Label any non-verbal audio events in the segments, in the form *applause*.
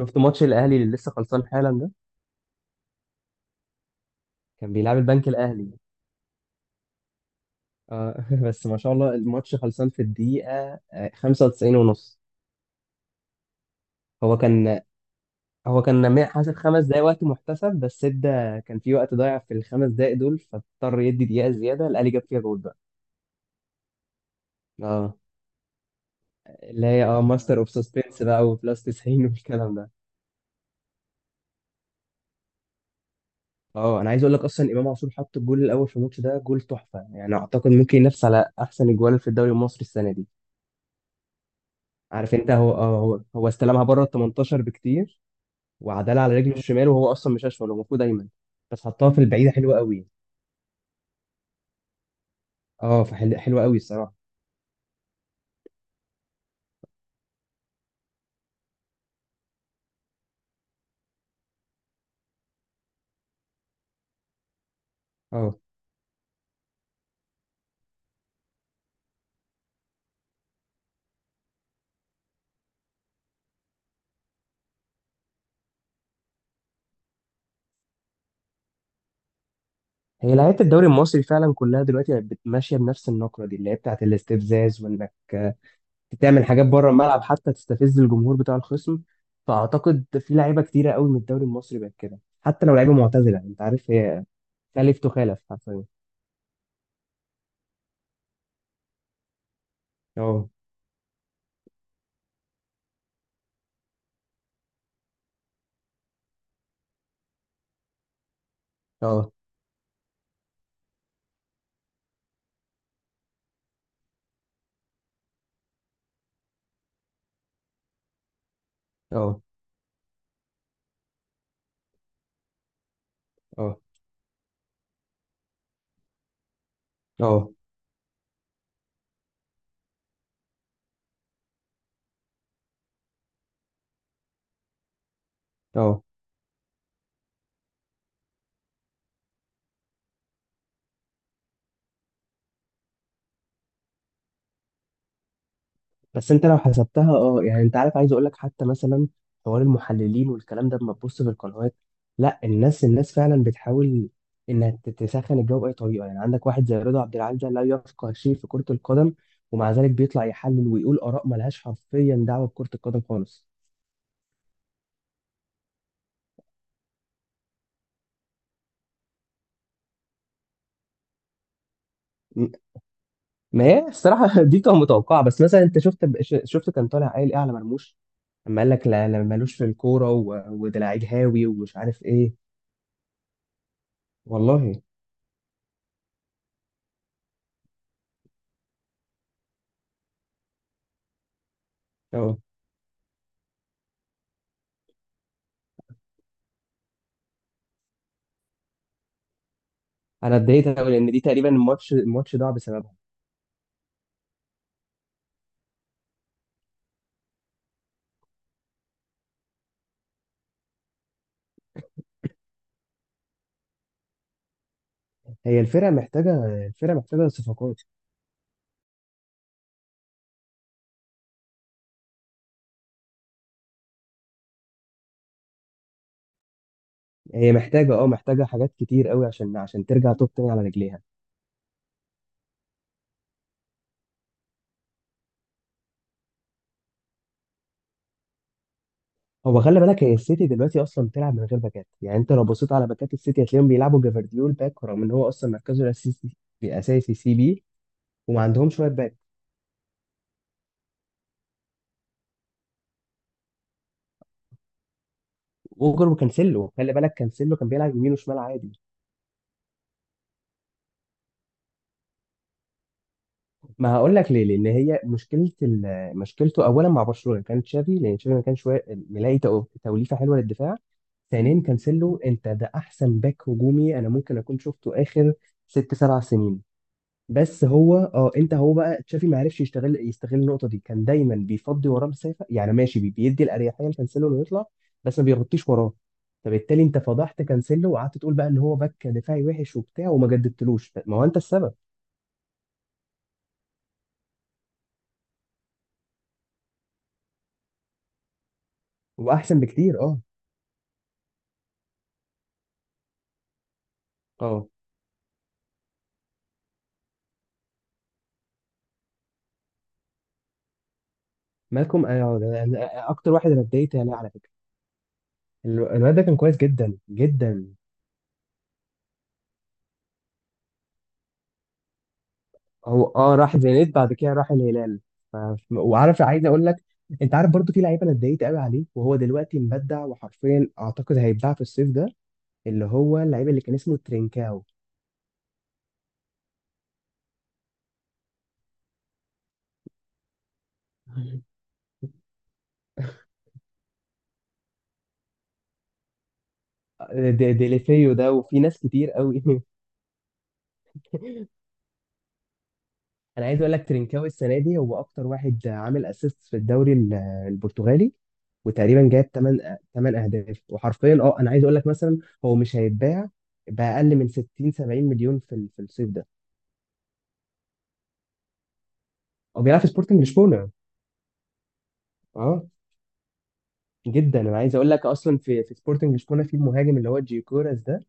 شفت ماتش الاهلي اللي لسه خلصان حالا ده كان بيلعب البنك الاهلي. آه. *laughs* بس ما شاء الله الماتش خلصان في الدقيقه 95 ونص. هو كان حاسب 5 دقايق وقت محتسب، بس ادى كان في وقت ضايع في ال5 دقايق دول، فاضطر يدي دقيقه زياده الاهلي جاب فيها جول بقى. اه. اللي هي ماستر اوف سسبنس بقى، وبلس 90 والكلام ده. اه انا عايز اقول لك اصلا امام عاشور حط الجول الاول في الماتش ده، جول تحفه يعني، اعتقد ممكن ينافس على احسن اجوال في الدوري المصري السنه دي. عارف انت، هو هو استلمها بره ال 18 بكتير، وعدلها على رجله الشمال، وهو اصلا مش اشول، هو المفروض ايمن. بس حطها في البعيده حلوه قوي. حلوه قوي الصراحه. اه هي لعيبه الدوري المصري فعلا كلها دلوقتي بقت ماشيه بنفس النقره دي اللي هي بتاعت الاستفزاز، وانك تعمل حاجات بره الملعب حتى تستفز الجمهور بتاع الخصم. فاعتقد في لعيبه كتيره قوي من الدوري المصري بقت كده، حتى لو لعيبه معتزله. انت عارف هي تلف تخالف حرفيا. اه، اه، اه، اه، اه، اه. بس انت لو حسبتها، يعني انت عارف، عايز اقول لك حتى مثلا حوار المحللين والكلام ده لما تبص في القنوات. لا، الناس فعلا بتحاول انها تسخن الجو باي طريقه. يعني عندك واحد زي رضا عبد العال ده لا يفقه شيء في كره القدم، ومع ذلك بيطلع يحلل ويقول اراء ملهاش حرفيا دعوه بكره القدم خالص. م- ما هي الصراحه *laughs* دي كانت متوقعه. بس مثلا انت شفت، شفت كان طالع قايل ايه على مرموش، لما قال لك لا لا، ملوش في الكوره وده لعيب هاوي ومش عارف ايه. والله اه انا اتضايقت قوي، لان دي تقريبا الماتش ضاع بسببها. هي الفرقه محتاجه الفرقه محتاجه صفقات. هي محتاجه، محتاجه حاجات كتير قوي عشان ترجع توب تاني على رجليها. هو خلي بالك، هي السيتي دلوقتي اصلا بتلعب من غير باكات. يعني انت لو بصيت على باكات السيتي هتلاقيهم بيلعبوا جافارديول باك، رغم ان هو اصلا مركزه اساسي سي بي، وما عندهمش شويه باك. ووجر وكانسيلو خلي بالك، كانسيلو كان بيلعب يمين وشمال عادي. ما هقول لك ليه. لان هي مشكلته اولا مع برشلونه كان تشافي، لان تشافي ما كانش ملاقي توليفه حلوه للدفاع. ثانيا، كانسيلو انت ده احسن باك هجومي انا ممكن اكون شفته اخر 6 7 سنين. بس هو، انت، هو بقى تشافي ما عرفش يشتغل يستغل النقطه دي. كان دايما بيفضي وراه مسافه، يعني ماشي، بيدي الاريحيه لكانسيلو انه يطلع، بس ما بيغطيش وراه. فبالتالي انت فضحت كانسيلو، وقعدت تقول بقى ان هو باك دفاعي وحش وبتاع، وما جددتلوش. ما هو انت السبب. هو احسن بكتير، اه. اه. مالكوم، ده اكتر واحد انا اتضايقت عليه على فكره. الواد ده كان كويس جدا جدا. هو راح الزينات، بعد كده راح الهلال. ف- وعارف عايز اقول لك، انت عارف برضو في لعيب انا اتضايقت قوي عليه وهو دلوقتي مبدع، وحرفيا اعتقد هيتباع في الصيف ده، اللي هو اللعيب اللي كان اسمه ترينكاو. ديليفيو ده وفي ناس كتير قوي. *laughs* انا عايز اقول لك ترينكاوي السنه دي هو اكتر واحد عامل اسيست في الدوري البرتغالي، وتقريبا جايب 8 8 اهداف. وحرفيا انا عايز اقول لك مثلا هو مش هيتباع باقل من 60 70 مليون في في الصيف ده. هو بيلعب في سبورتنج لشبونه. اه، جدا انا عايز اقول لك اصلا في سبورتنج لشبونه في المهاجم اللي هو جيوكوراس ده،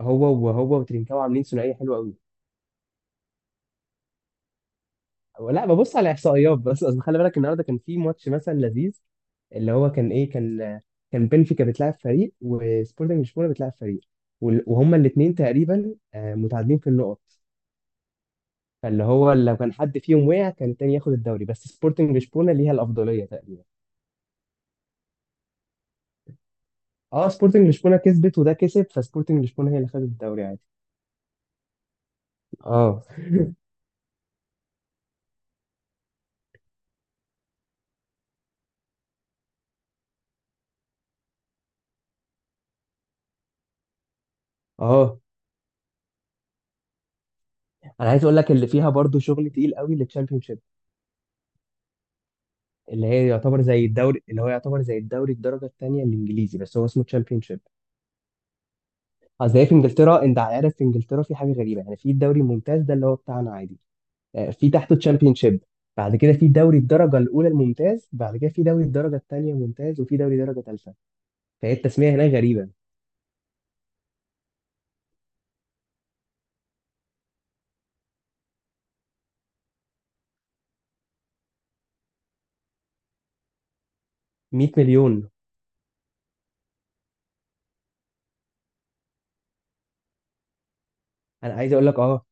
هو وترينكاوي عاملين ثنائيه حلوه قوي. لا، ببص على احصائيات بس. اصل خلي بالك النهارده كان في ماتش مثلا لذيذ، اللي هو كان ايه، كان بنفيكا بتلعب فريق وسبورتنج لشبونه بتلعب فريق، وهما الاثنين تقريبا متعادلين في النقط. فاللي هو لو كان حد فيهم وقع كان التاني ياخد الدوري، بس سبورتنج لشبونه ليها الافضليه تقريبا. اه، سبورتنج لشبونه كسبت وده كسب، فسبورتنج لشبونه هي اللي خدت الدوري عادي. اه. اه، انا عايز اقول لك اللي فيها برضو شغل تقيل قوي للتشامبيونشيب، اللي هي يعتبر زي الدوري، اللي هو يعتبر زي الدوري الدرجه الثانيه الانجليزي، بس هو اسمه تشامبيونشيب. اصل هي في انجلترا، انت عارف في انجلترا في حاجه غريبه. يعني في الدوري الممتاز ده اللي هو بتاعنا عادي، في تحته تشامبيون شيب، بعد كده في دوري الدرجه الاولى الممتاز، بعد كده في دوري الدرجه الثانيه ممتاز، وفي دوري درجه ثالثه. فهي التسميه هناك غريبه. 100 مليون. انا عايز اقول لك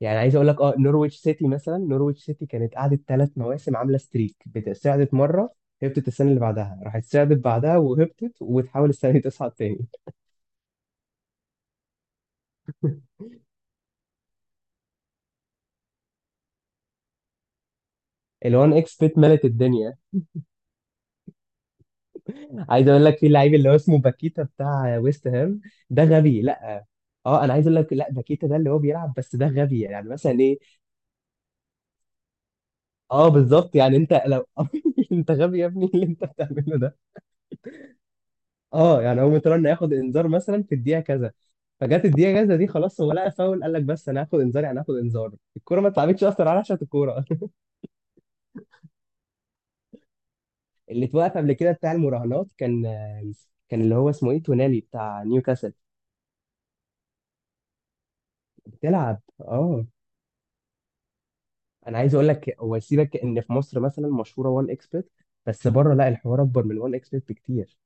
يعني، عايز اقول لك نورويتش سيتي مثلا، نورويتش سيتي كانت قعدت 3 مواسم عامله ستريك بتصعدت مره، هبطت السنه اللي بعدها، راحت صعدت بعدها وهبطت، وتحاول السنه دي تصعد تاني. ال1 اكس بيت ملت الدنيا. عايز اقول لك في لعيب اللي هو اسمه باكيتا بتاع ويست هام، ده غبي. لا اه انا عايز اقول لك، لا باكيتا ده اللي هو بيلعب، بس ده غبي. يعني مثلا ايه، اه بالظبط. يعني انت لو *laughs* انت غبي يا ابني اللي انت بتعمله ده. اه، يعني هو مترن ياخد انذار مثلا في الدقيقه كذا، فجت الدقيقه كذا دي خلاص هو لقى فاول، قال لك بس انا هاخد انذار. يعني هاخد انذار، الكوره ما اتلعبتش اصلا على عشان الكوره. *laughs* اللي اتوقف قبل كده بتاع المراهنات كان اللي هو اسمه ايه تونالي بتاع نيوكاسل. بتلعب. اه انا عايز اقول لك، هو سيبك ان في مصر مثلا مشهوره وان اكسبرت، بس بره لا، الحوار اكبر من وان اكسبرت بكتير.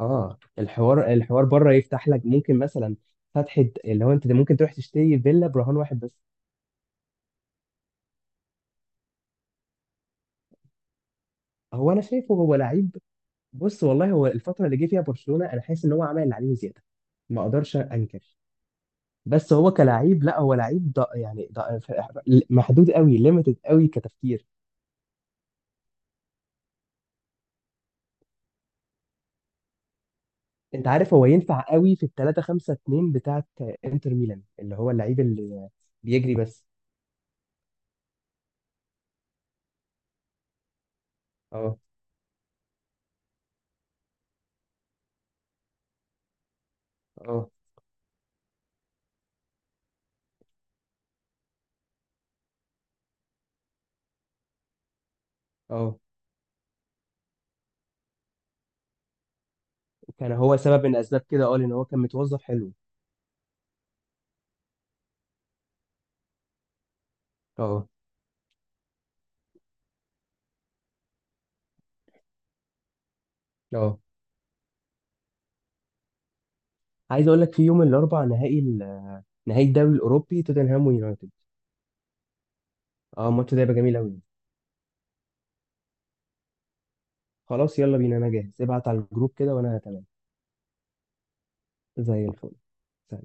اه، الحوار بره يفتح لك ممكن مثلا فتحه، اللي هو انت ممكن تروح تشتري فيلا برهان واحد بس. هو انا شايفه هو لعيب. بص، والله هو الفتره اللي جه فيها برشلونه انا حاسس ان هو عمل اللي عليه زياده. ما اقدرش انكر. بس هو كلاعب، لا، هو لعيب يعني محدود قوي، ليميتد قوي كتفكير. انت عارف هو ينفع قوي في ال3-5-2 بتاعت انتر ميلان، اللي هو اللعيب اللي بيجري بس. اه. اه. اه. كان هو سبب من اسباب كده، اه، لان هو كان متوظف حلو. اه. اه. عايز اقول لك في يوم الاربع نهائي نهائي الدوري الاوروبي توتنهام ويونايتد. اه، الماتش ده هيبقى جميل قوي. خلاص يلا بينا، انا جاهز ابعت على الجروب كده وانا تمام. زي الفل.